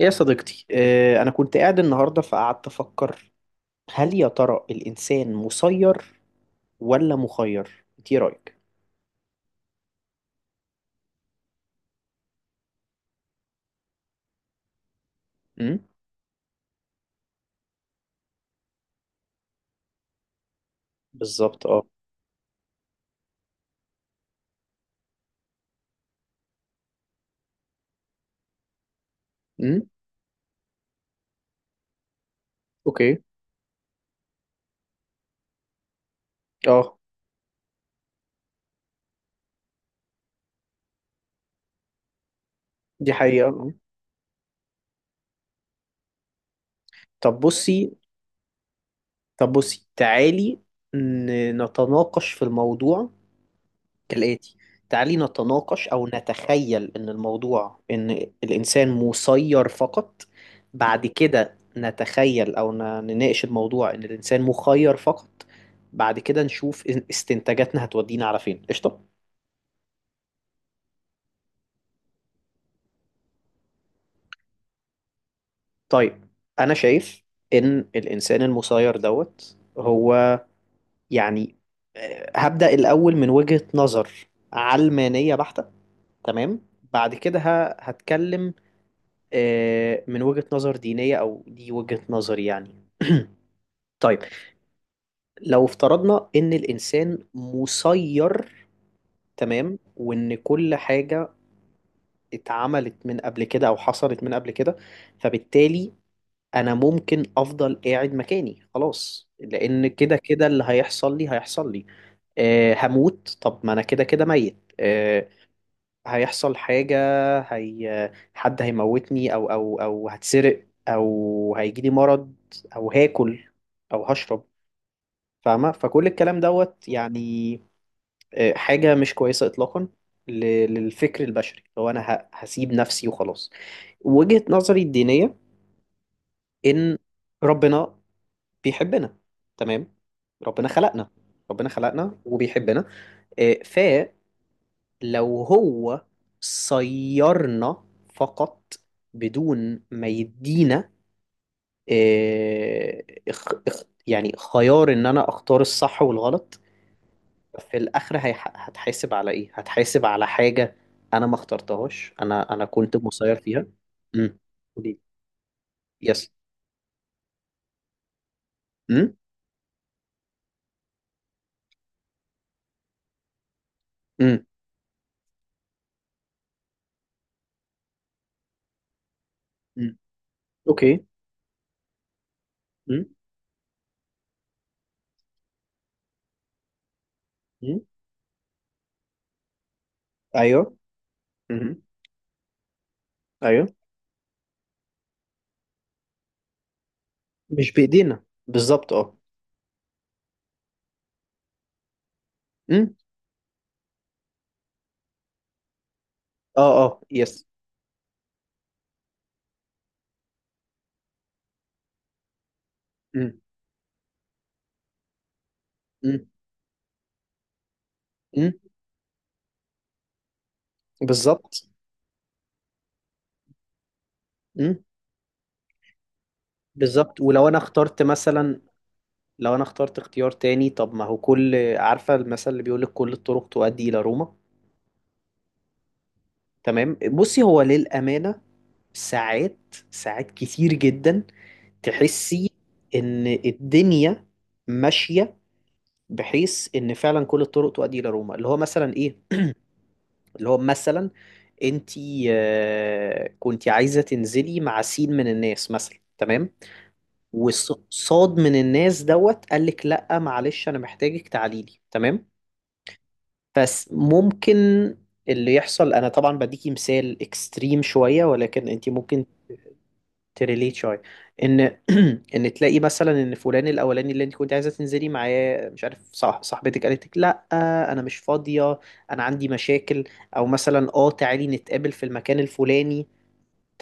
يا صديقتي، أنا كنت قاعد النهاردة فقعدت أفكر، هل يا ترى الإنسان مسير ولا مخير؟ إنت إيه رأيك؟ أمم. بالظبط، أه. أمم. أوكي. أه. دي حقيقة، آه. طب بصي طب بصي، تعالي نتناقش في الموضوع كالآتي. تعالي نتناقش أو نتخيل إن الموضوع إن الإنسان مسير فقط، بعد كده نتخيل أو نناقش الموضوع إن الإنسان مخير فقط، بعد كده نشوف استنتاجاتنا هتودينا على فين. قشطة. طيب، أنا شايف إن الإنسان المسير دوت هو يعني هبدأ الأول من وجهة نظر علمانية بحتة، تمام. بعد كده هتكلم من وجهة نظر دينية، أو دي وجهة نظري يعني. طيب، لو افترضنا إن الإنسان مسير، تمام، وإن كل حاجة اتعملت من قبل كده أو حصلت من قبل كده، فبالتالي أنا ممكن أفضل قاعد مكاني خلاص، لأن كده كده اللي هيحصل لي هيحصل لي. هموت، طب ما أنا كده كده ميت. هيحصل حاجة، هي حد هيموتني أو هتسرق، أو هيجيلي مرض، أو هاكل، أو هشرب. فاهمة؟ فكل الكلام دوت يعني حاجة مش كويسة إطلاقا ل- للفكر البشري، لو أنا هسيب نفسي وخلاص. وجهة نظري الدينية إن ربنا بيحبنا، تمام. ربنا خلقنا، ربنا خلقنا وبيحبنا. لو هو صيرنا فقط بدون ما يدينا اخ اخ يعني خيار ان انا اختار الصح والغلط، في الاخر هتحاسب على ايه؟ هتحاسب على حاجة انا ما اخترتهاش، انا كنت مسير فيها. امم. قولي. يس. امم. امم. أمم. اوكي. امم. أمم. ايوه. امم. ايوه. مش بايدينا بالظبط، اه. امم. اه، اه، يس. امم. امم. بالظبط. امم. بالظبط. ولو انا اخترت مثلا، لو انا اخترت اختيار تاني، طب ما هو كل، عارفه المثل اللي بيقول لك كل الطرق تؤدي الى روما؟ تمام. بصي، هو للامانه ساعات، ساعات كتير جدا تحسي ان الدنيا ماشيه بحيث ان فعلا كل الطرق تؤدي الى روما. اللي هو مثلا ايه؟ اللي هو مثلا انتي كنتي عايزه تنزلي مع سين من الناس مثلا، تمام. وصاد من الناس دوت قال لك لا معلش، انا محتاجك، تعالي لي، تمام. بس ممكن اللي يحصل، انا طبعا بديكي مثال اكستريم شويه، ولكن انت ممكن تريليت شويه، ان ان تلاقي مثلا ان فلان الاولاني اللي انت كنت عايزه تنزلي معاه، مش عارف، صح، صاحبتك قالت لك لا، انا مش فاضيه، انا عندي مشاكل، او مثلا اه تعالي نتقابل في المكان الفلاني.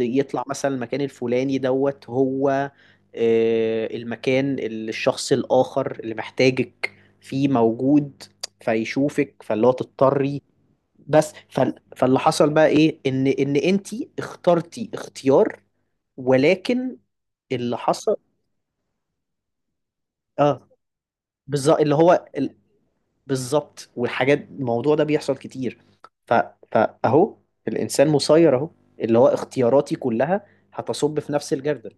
يطلع مثلا المكان الفلاني دوت هو المكان اللي الشخص الآخر اللي محتاجك فيه موجود، فيشوفك، فاللي هو تضطري. بس فاللي حصل بقى ايه؟ ان انتي اخترتي اختيار، ولكن اللي حصل، اه. بالظبط، اللي هو بالظبط، والحاجات، الموضوع ده بيحصل كتير. ف... فاهو الانسان مسير اهو، اللي هو اختياراتي كلها هتصب في نفس الجردل.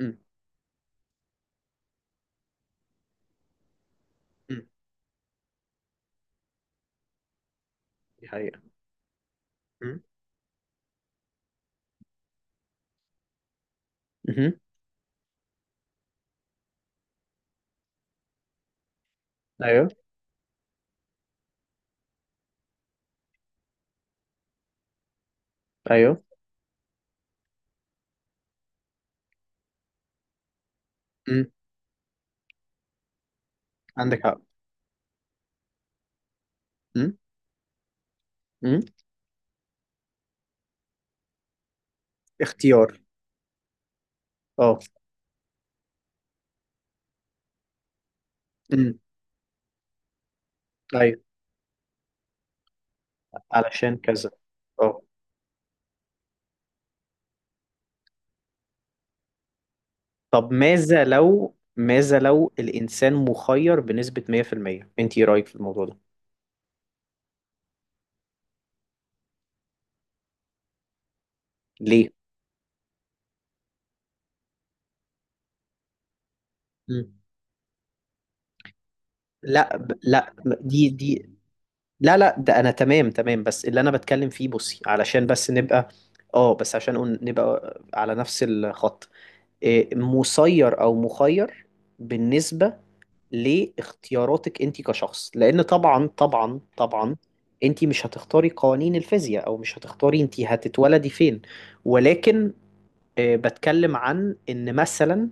امم. امم. دي حقيقة. مم. مهم. ايوه، ايوه. مم. عندك حق. مم. مم. اختيار، اه. مم. ايوه، علشان كذا، اه. طب، ماذا لو الانسان مخير بنسبة 100%، انت ايه رايك في الموضوع ده؟ ليه؟ مم. لا ب- دي، لا، لا، ده انا تمام تمام، بس اللي انا بتكلم فيه، بصي علشان بس نبقى، اه، بس عشان نبقى على نفس الخط. مسير او مخير بالنسبه لاختياراتك انت كشخص، لان طبعا طبعا طبعا انت مش هتختاري قوانين الفيزياء، او مش هتختاري انت هتتولدي فين، ولكن بتكلم عن ان مثلا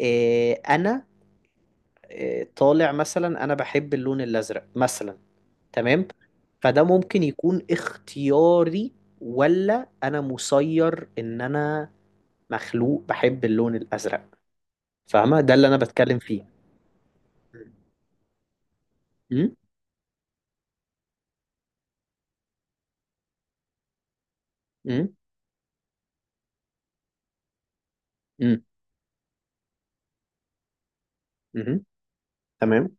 انا طالع مثلا انا بحب اللون الازرق مثلا، تمام. فده ممكن يكون اختياري، ولا انا مسير ان انا مخلوق بحب اللون الازرق؟ فاهمة ده اللي أنا بتكلم فيه؟ مم. امم. امم. امم. امم. تمام.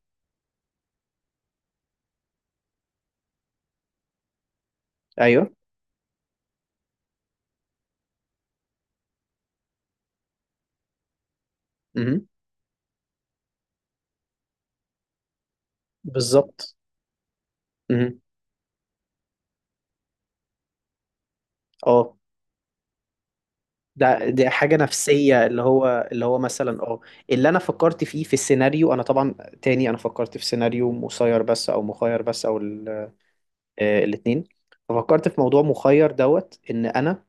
ايوه. امم. بالظبط. امم. اه، دي حاجه نفسيه، اللي هو مثلا، اه، اللي انا فكرت فيه في السيناريو، انا طبعا تاني انا فكرت في سيناريو مسير بس، او مخير بس، او الاثنين، ففكرت في موضوع مخير دوت ان انا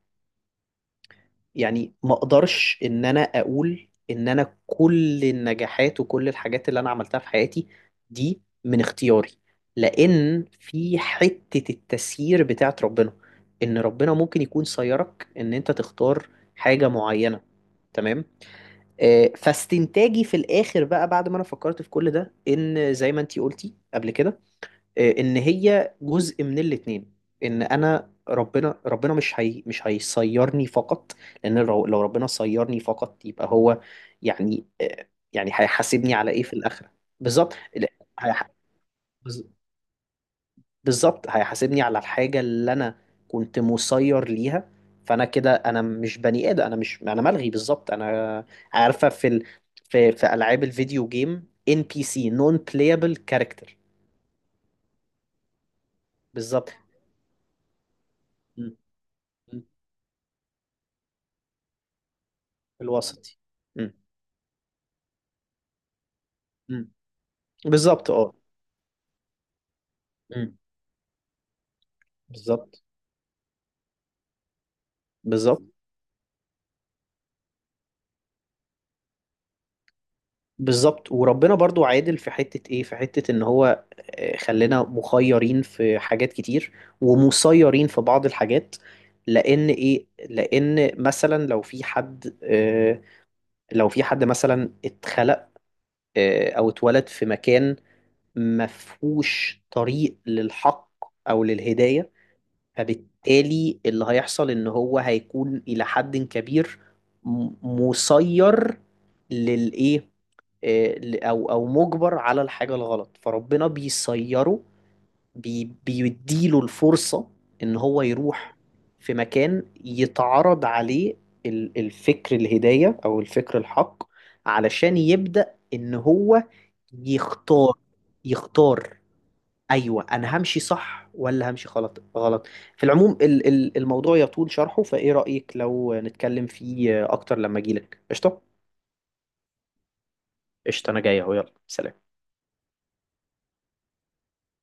يعني ما اقدرش ان انا اقول ان انا كل النجاحات وكل الحاجات اللي انا عملتها في حياتي دي من اختياري، لان في حتة التسيير بتاعت ربنا، ان ربنا ممكن يكون سيرك ان انت تختار حاجة معينة، تمام. فاستنتاجي في الاخر بقى بعد ما انا فكرت في كل ده، ان زي ما انتي قلتي قبل كده ان هي جزء من الاتنين، ان انا، ربنا مش، هي مش هيصيرني فقط، لان لو ربنا صيرني فقط، يبقى هو يعني يعني هيحاسبني على ايه في الاخره؟ بالظبط، لا. هيح- بز- بالظبط، هيحاسبني على الحاجه اللي انا كنت مسير ليها، فانا كده انا مش بني ادم، انا مش، انا ملغي بالظبط، انا عارفه في العاب الفيديو جيم ان بي سي، نون بلايبل كاركتر. بالظبط، الوسطي. مم. مم. بالظبط، اه. مم. بالظبط، بالظبط، بالظبط، وربنا برضو عادل في حتة ايه، في حتة ان هو خلينا مخيرين في حاجات كتير ومسيرين في بعض الحاجات، لان ايه، لان مثلا لو في حد لو في حد مثلا اتخلق او اتولد في مكان مفهوش طريق للحق او للهداية، فبالتالي اللي هيحصل ان هو هيكون الى حد كبير مسير للايه، او مجبر على الحاجه الغلط، فربنا بيسيره، بيديله الفرصه ان هو يروح في مكان يتعرض عليه الفكر، الهدايه او الفكر الحق، علشان يبدا ان هو يختار، يختار. ايوه، انا همشي صح ولا همشي غلط غلط. في العموم الموضوع يطول شرحه، فايه رأيك لو نتكلم فيه اكتر لما اجيلك؟ قشطة. قشطة، انا جاي اهو، يلا سلام.